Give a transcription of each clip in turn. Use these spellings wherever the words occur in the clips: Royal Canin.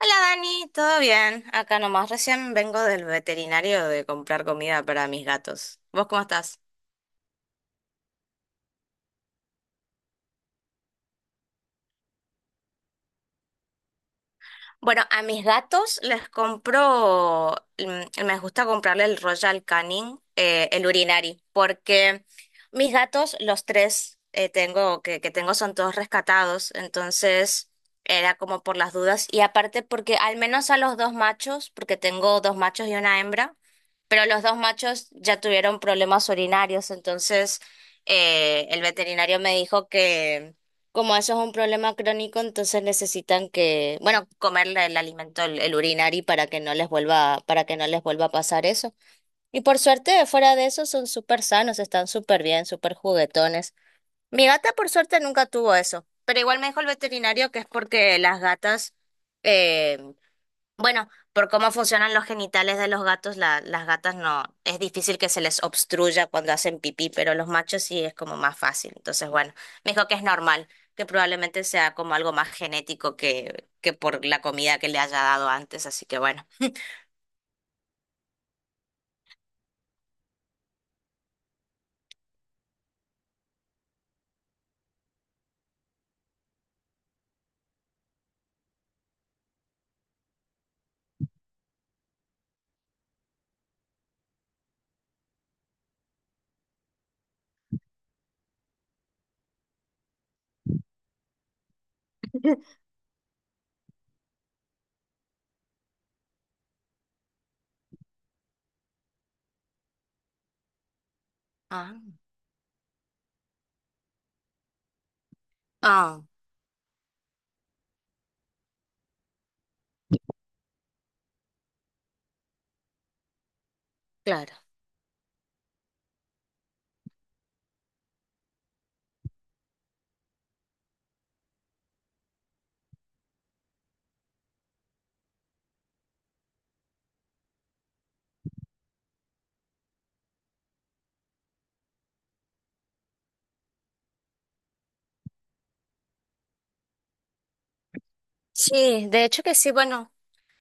Hola Dani, ¿todo bien? Acá nomás, recién vengo del veterinario de comprar comida para mis gatos. ¿Vos cómo estás? Bueno, a mis gatos les compro, mm, me gusta comprarle el Royal Canin, el urinari, porque mis gatos, los tres tengo, que tengo son todos rescatados, entonces era como por las dudas. Y aparte porque al menos a los dos machos, porque tengo dos machos y una hembra, pero los dos machos ya tuvieron problemas urinarios, entonces el veterinario me dijo como eso es un problema crónico, entonces necesitan que, bueno, comerle el alimento, el urinari para que no les vuelva, para que no les vuelva a pasar eso. Y por suerte, fuera de eso, son súper sanos, están súper bien, súper juguetones. Mi gata, por suerte, nunca tuvo eso, pero igual me dijo el veterinario que es porque las gatas eh, bueno, por cómo funcionan los genitales de los gatos, las gatas no, es difícil que se les obstruya cuando hacen pipí, pero los machos sí es como más fácil. Entonces, bueno, me dijo que es normal, Que probablemente sea como algo más genético que por la comida que le haya dado antes, así que bueno. Ah, ah, claro. Sí, de hecho que sí, bueno.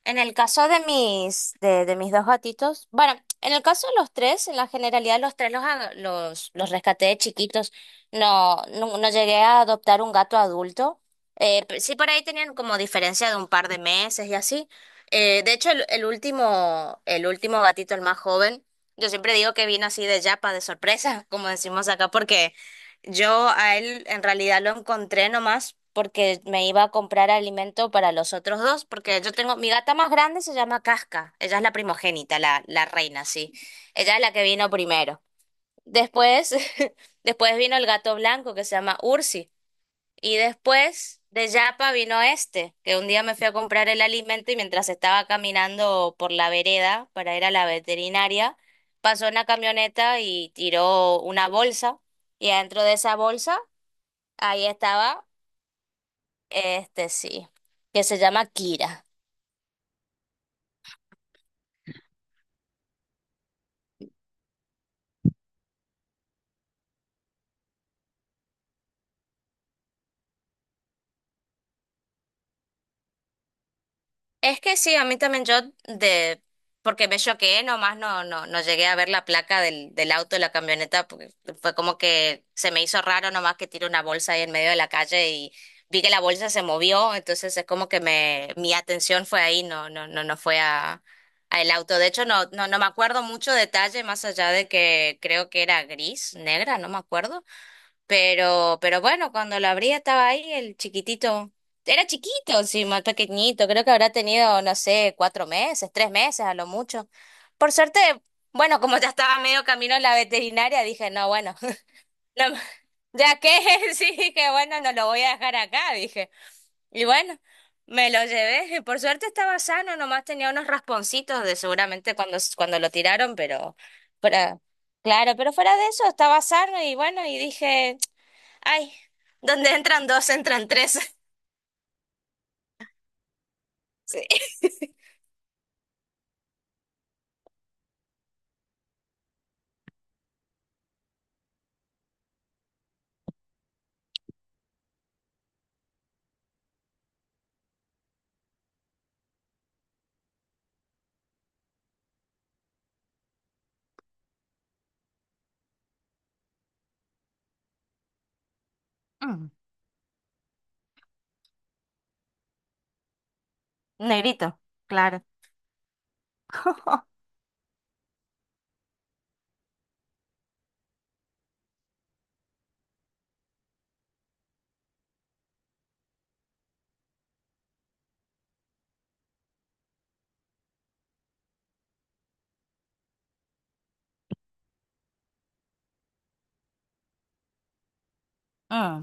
En el caso de de mis dos gatitos, bueno, en el caso de los tres, en la generalidad los tres los rescaté de chiquitos. No llegué a adoptar un gato adulto. Sí, por ahí tenían como diferencia de un par de meses y así. De hecho, el último gatito, el más joven, yo siempre digo que vino así de yapa, de sorpresa, como decimos acá, porque yo a él en realidad lo encontré nomás porque me iba a comprar alimento para los otros dos, porque yo tengo, mi gata más grande se llama Casca, ella es la primogénita, la reina, sí, ella es la que vino primero. Después, después vino el gato blanco que se llama Ursi, y después de Yapa vino este, que un día me fui a comprar el alimento y mientras estaba caminando por la vereda para ir a la veterinaria, pasó una camioneta y tiró una bolsa. Y adentro de esa bolsa ahí estaba, este sí, que se llama Kira. Es que sí, a mí también porque me choqué, nomás no llegué a ver la placa del auto de la camioneta, porque fue como que se me hizo raro nomás que tiré una bolsa ahí en medio de la calle y vi que la bolsa se movió, entonces es como que mi atención fue ahí, no fue a el auto. De hecho, no me acuerdo mucho detalle, más allá de que creo que era gris, negra, no me acuerdo. Pero bueno, cuando lo abrí estaba ahí el chiquitito. Era chiquito, sí, más pequeñito. Creo que habrá tenido, no sé, 4 meses, 3 meses a lo mucho. Por suerte, bueno, como ya estaba medio camino en la veterinaria, dije, no, bueno, no, ya que sí, dije, bueno, no lo voy a dejar acá, dije. Y bueno, me lo llevé. Y por suerte estaba sano, nomás tenía unos rasponcitos de seguramente cuando lo tiraron, pero claro, pero fuera de eso estaba sano y bueno, y dije. Ay, donde entran dos, entran tres. Sí. Mm, negrito, claro. Ah,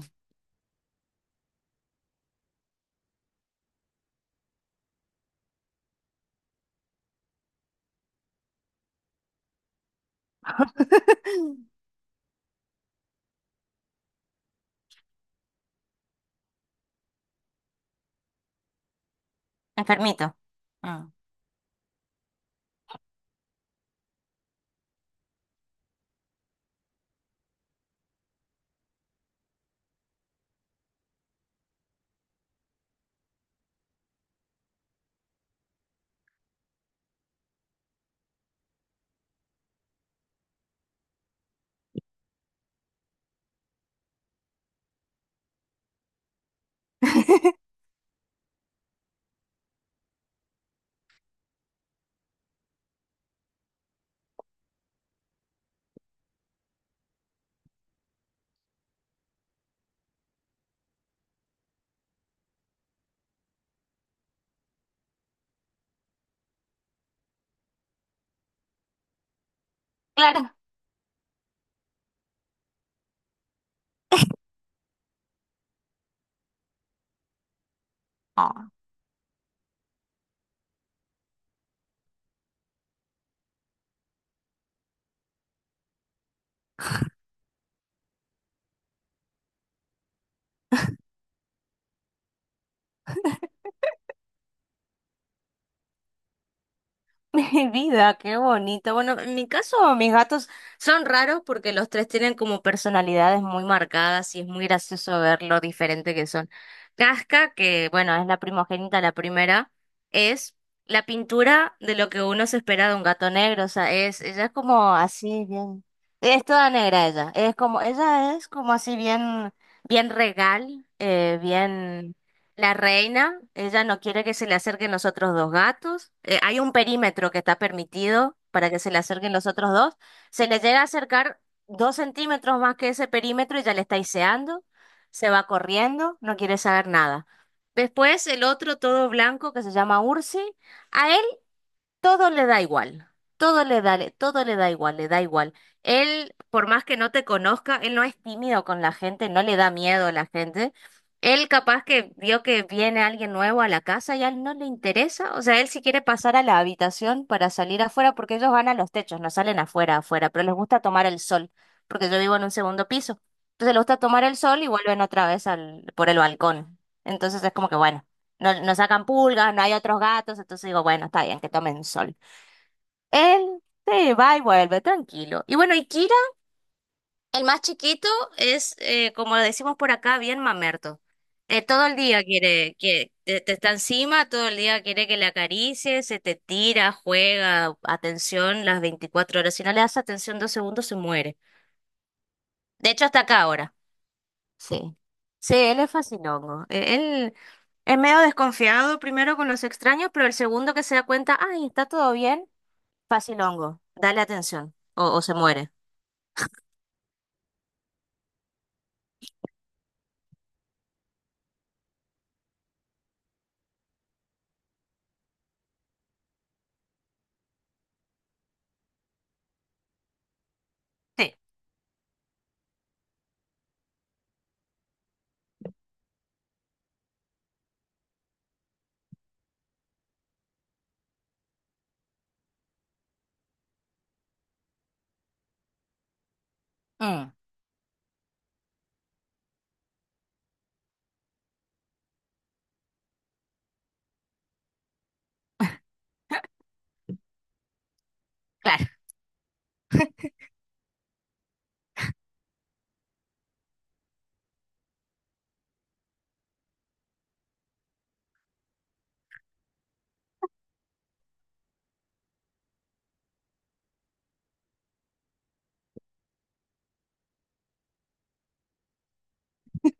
enfermito, ah. Claro. Mi vida, qué bonito. Bueno, en mi caso, mis gatos son raros porque los tres tienen como personalidades muy marcadas y es muy gracioso ver lo diferente que son. Casca, que bueno, es la primogénita, la primera, es la pintura de lo que uno se espera de un gato negro. O sea, es, ella es como así, bien. Es toda negra ella. Es como, ella es como así bien, bien regal, bien. La reina, ella no quiere que se le acerquen los otros dos gatos. Hay un perímetro que está permitido para que se le acerquen los otros dos. Se le llega a acercar 2 centímetros más que ese perímetro y ya le está iseando. Se va corriendo, no quiere saber nada. Después el otro todo blanco que se llama Ursi, a él todo le da igual, todo le da igual, le da igual. Él, por más que no te conozca, él no es tímido con la gente, no le da miedo a la gente. Él capaz que vio que viene alguien nuevo a la casa y a él no le interesa. O sea, él si quiere pasar a la habitación para salir afuera, porque ellos van a los techos, no salen afuera, afuera, pero les gusta tomar el sol, porque yo vivo en un segundo piso. Entonces les gusta tomar el sol y vuelven otra vez al, por el balcón. Entonces es como que bueno no sacan pulgas, no hay otros gatos, entonces digo, bueno, está bien, que tomen sol. Él se va y vuelve, tranquilo. Y bueno, y Kira, el más chiquito, es, como lo decimos por acá, bien mamerto. Todo el día quiere que te está encima, todo el día quiere que le acaricies, se te tira, juega, atención las 24 horas. Si no le das atención 2 segundos, se muere. De hecho, hasta acá ahora. Sí, sí, él es fascinongo. Él es medio desconfiado primero con los extraños, pero el segundo que se da cuenta, ay, está todo bien, fascinongo, dale atención, o se muere. Sí, mm, claro.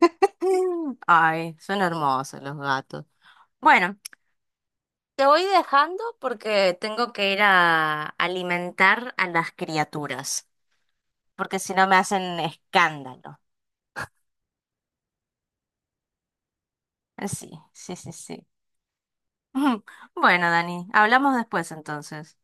Ay, son hermosos los gatos. Bueno, te voy dejando porque tengo que ir a alimentar a las criaturas, porque si no me hacen escándalo. Sí, sí, sí, sí. Bueno, Dani, hablamos después entonces.